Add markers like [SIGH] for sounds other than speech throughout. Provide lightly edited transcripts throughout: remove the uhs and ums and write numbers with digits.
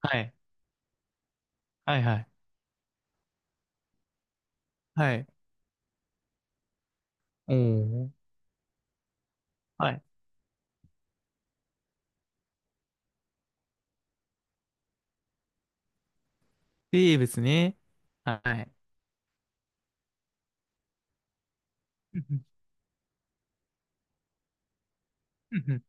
はい。はいはい。はい。おー。はい。生物ね。はい。[LAUGHS] うんうん。うんうん。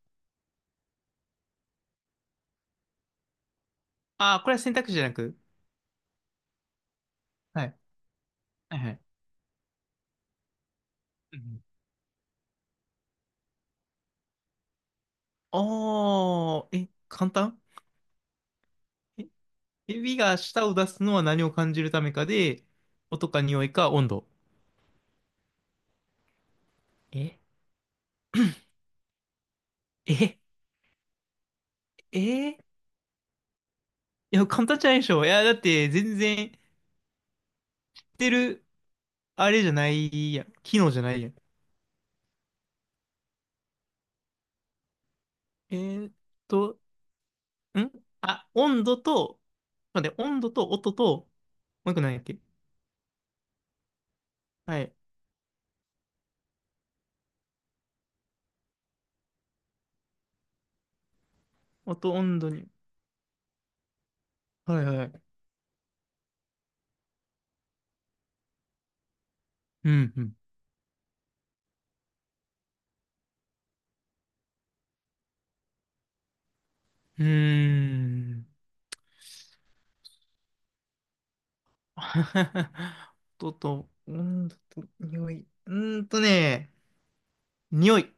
ああ、これは選択肢じゃなく。はい。はいはい。うんうん。おー、え、簡単。え、指が舌を出すのは何を感じるためかで、音か匂いか温度。え、え、え、いや、簡単じゃないでしょ。いや、だって全然、言ってる、あれじゃないやん。機能じゃないやん。えーっと、んあ、温度と、待って、温度と音と、もう一個何やっけ。はい。音、温度に。はいはい。うん、うん。うーん。[LAUGHS] 音と、温度と、匂い。匂い。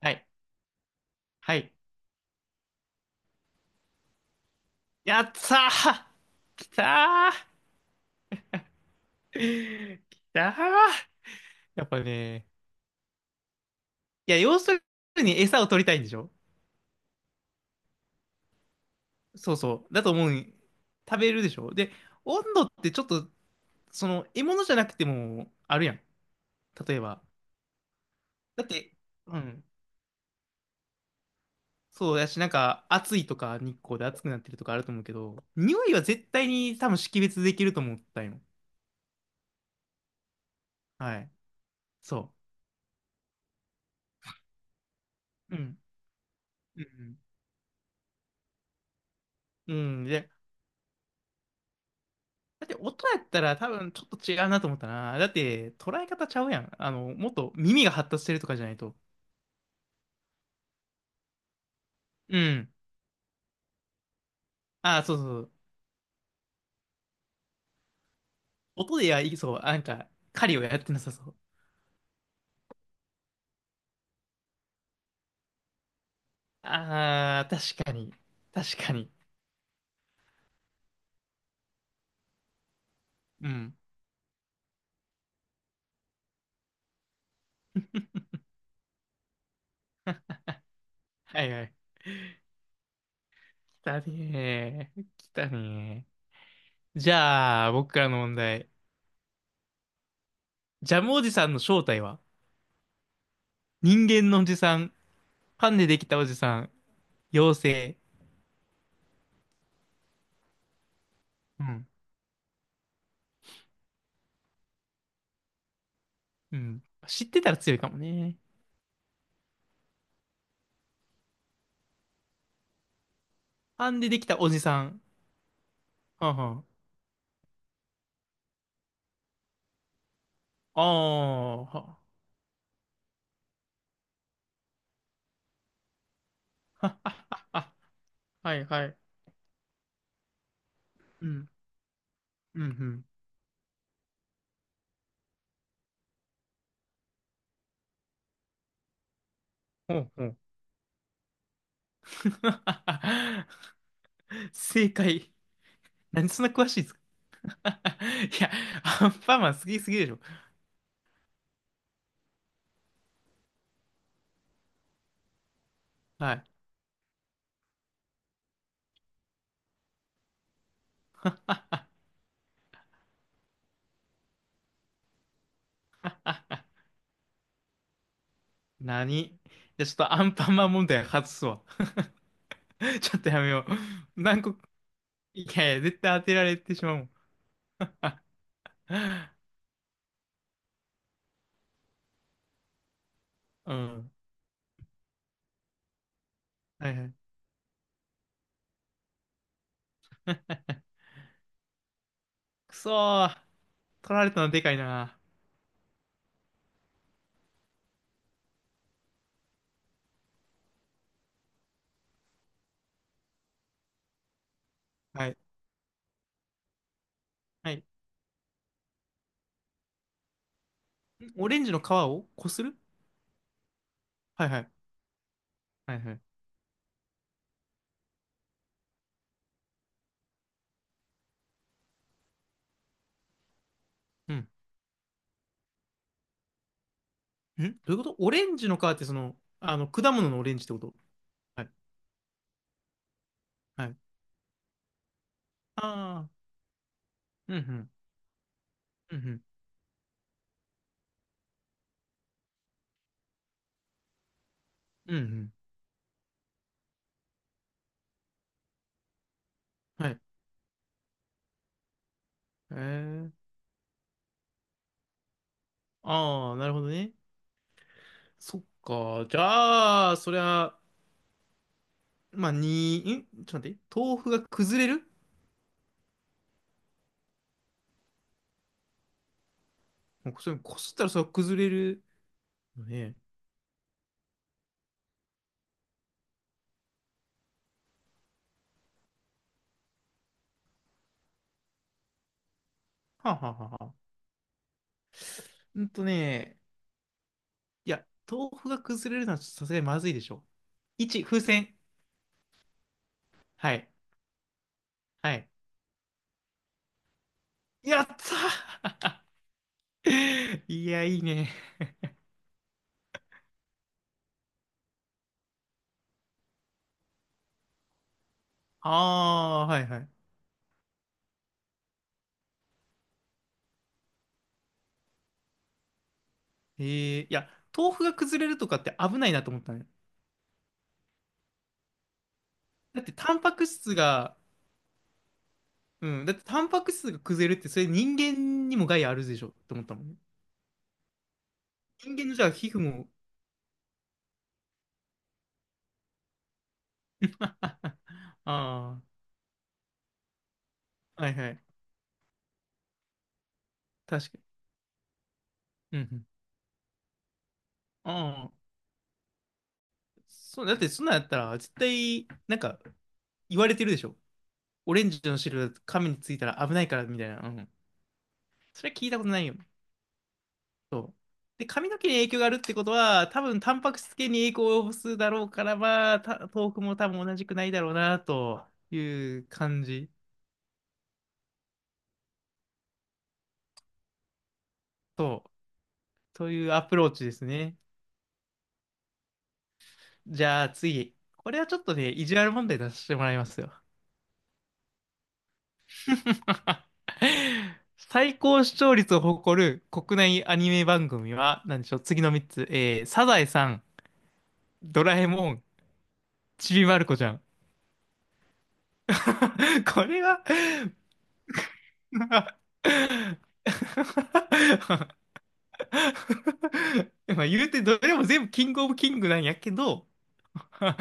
はい。はい。やったー。きたー。きたー。やっぱね、いや、要するに餌を取りたいんでしょ。そうそう。だと思う。食べるでしょ。で、温度ってちょっとその、獲物じゃなくても、あるやん。例えば。だって、うん。そうやし、なんか、暑いとか、日光で暑くなってるとかあると思うけど、匂いは絶対に多分識別できると思ったんよ。はい。そう。うん。うん。うん。で、だって音やったら多分ちょっと違うなと思ったな。だって、捉え方ちゃうやん。あの、もっと耳が発達してるとかじゃないと。うん。ああ、そうそうそう。音でや、いそう。なんか、狩りをやってなさそう。ああ、確かに。確かに。うん。はいはい。来たねー。来たねー。じゃあ、僕からの問題。ジャムおじさんの正体は、人間のおじさん、パンでできたおじさん、妖精。うん。うん。知ってたら強いかもね。パンでできたおじさん。はんはん。ああ、は、は、はあ、はあ、は、はいはい。うん。うん、うん。ほうほう。[LAUGHS] 正解。なんでそんな詳しいんですか？ [LAUGHS] いや、アンパンマン好きすぎでしょ。はい。何で、ちょっとアンパンマン問題外すわ。[LAUGHS] ちょっとやめよう。何個、いやいや、絶対当てられてしまうもん。うん。はいはい。くそー。取られたのでかいな。はい。はい。オレンジの皮をこする。はいはい。はいはい。うん。ん、どういうこと？オレンジの皮ってその、あの、果物のオレンジってこと？はい。はい。ああ。うんうん。うんうん。うんうん。はい。えー。ああ、なるほどね。そっか。じゃあ、そりゃ、まあ、に、ちょっと待って、豆腐が崩れる？もうそれこすったらそれ崩れるのね。はあ、はあはあはあ、うんとね、いや、豆腐が崩れるのはちょっとさすがにまずいでしょ。1、風船。はい。はい。やったー。 [LAUGHS] いや、いいね。ああ、はいはい。えー、いや、豆腐が崩れるとかって危ないなと思ったね。だって、タンパク質が、うん、だって、タンパク質が崩れるって、それ人間にも害あるでしょって思ったもんね。人間のじゃあ皮膚も。あ。 [LAUGHS] あー、はいはい。確かに。うんうん。ああ、そう、だってそんなんやったら、絶対、なんか、言われてるでしょ。オレンジの汁、髪についたら危ないから、みたいな。うん。それは聞いたことないよ。そう。で、髪の毛に影響があるってことは、多分、タンパク質系に影響を及ぼすだろうから、まあ、豆腐も多分同じくないだろうな、という感じ。そう。というアプローチですね。じゃあ、次。これはちょっとね、意地悪問題出してもらいますよ。[LAUGHS] 最高視聴率を誇る国内アニメ番組は、何でしょう、次の3つ。えー、サザエさん、ドラえもん、ちびまる子ちゃん。[LAUGHS] これは。 [LAUGHS] まあ言うてどれも全部キングオブキングなんやけど。 [LAUGHS] あ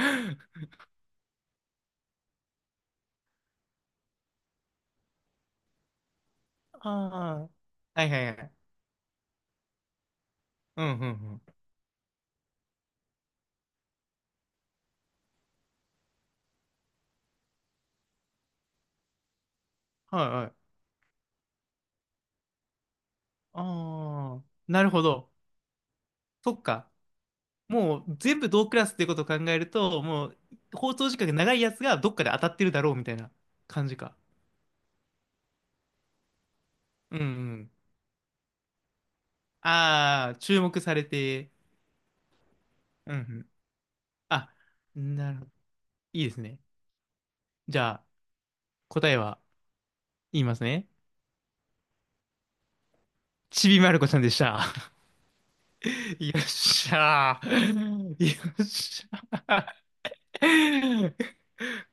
あ、はいはいはい。うんうんうん。はいはい。ああ、なるほど。そっか。もう全部同クラスっていうことを考えると、もう放送時間が長いやつがどっかで当たってるだろうみたいな感じか。うんうん。ああ、注目されて。うんうん。あ、なるほど。いいですね。じゃあ、答えは言いますね。ちびまる子ちゃんでした。[LAUGHS] よっしゃー。[LAUGHS] よっしゃー。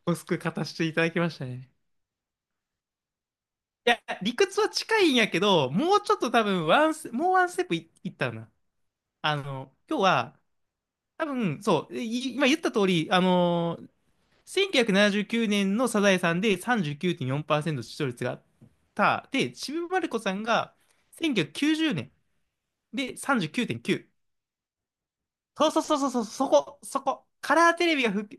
おすく勝たせていただきましたね。いや、理屈は近いんやけど、もうちょっと多分ワンス、もうワンステップ、いったな。あの、今日は、多分、そう、い今言った通り、あのー1979年のサザエさんで39.4%視聴率があった。で、ちびまる子さんが1990年で39.9。そうそうそうそうそう、そこ、そこ。カラーテレビが復旧。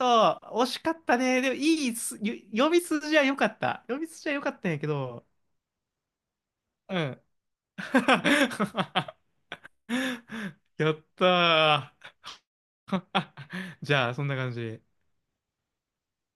そう、惜しかったね。でも、いいす、よ、読み筋は良かった。読み筋は良かったんやけど、うん。[LAUGHS] やったー。[LAUGHS] じゃあ、そんな感じ。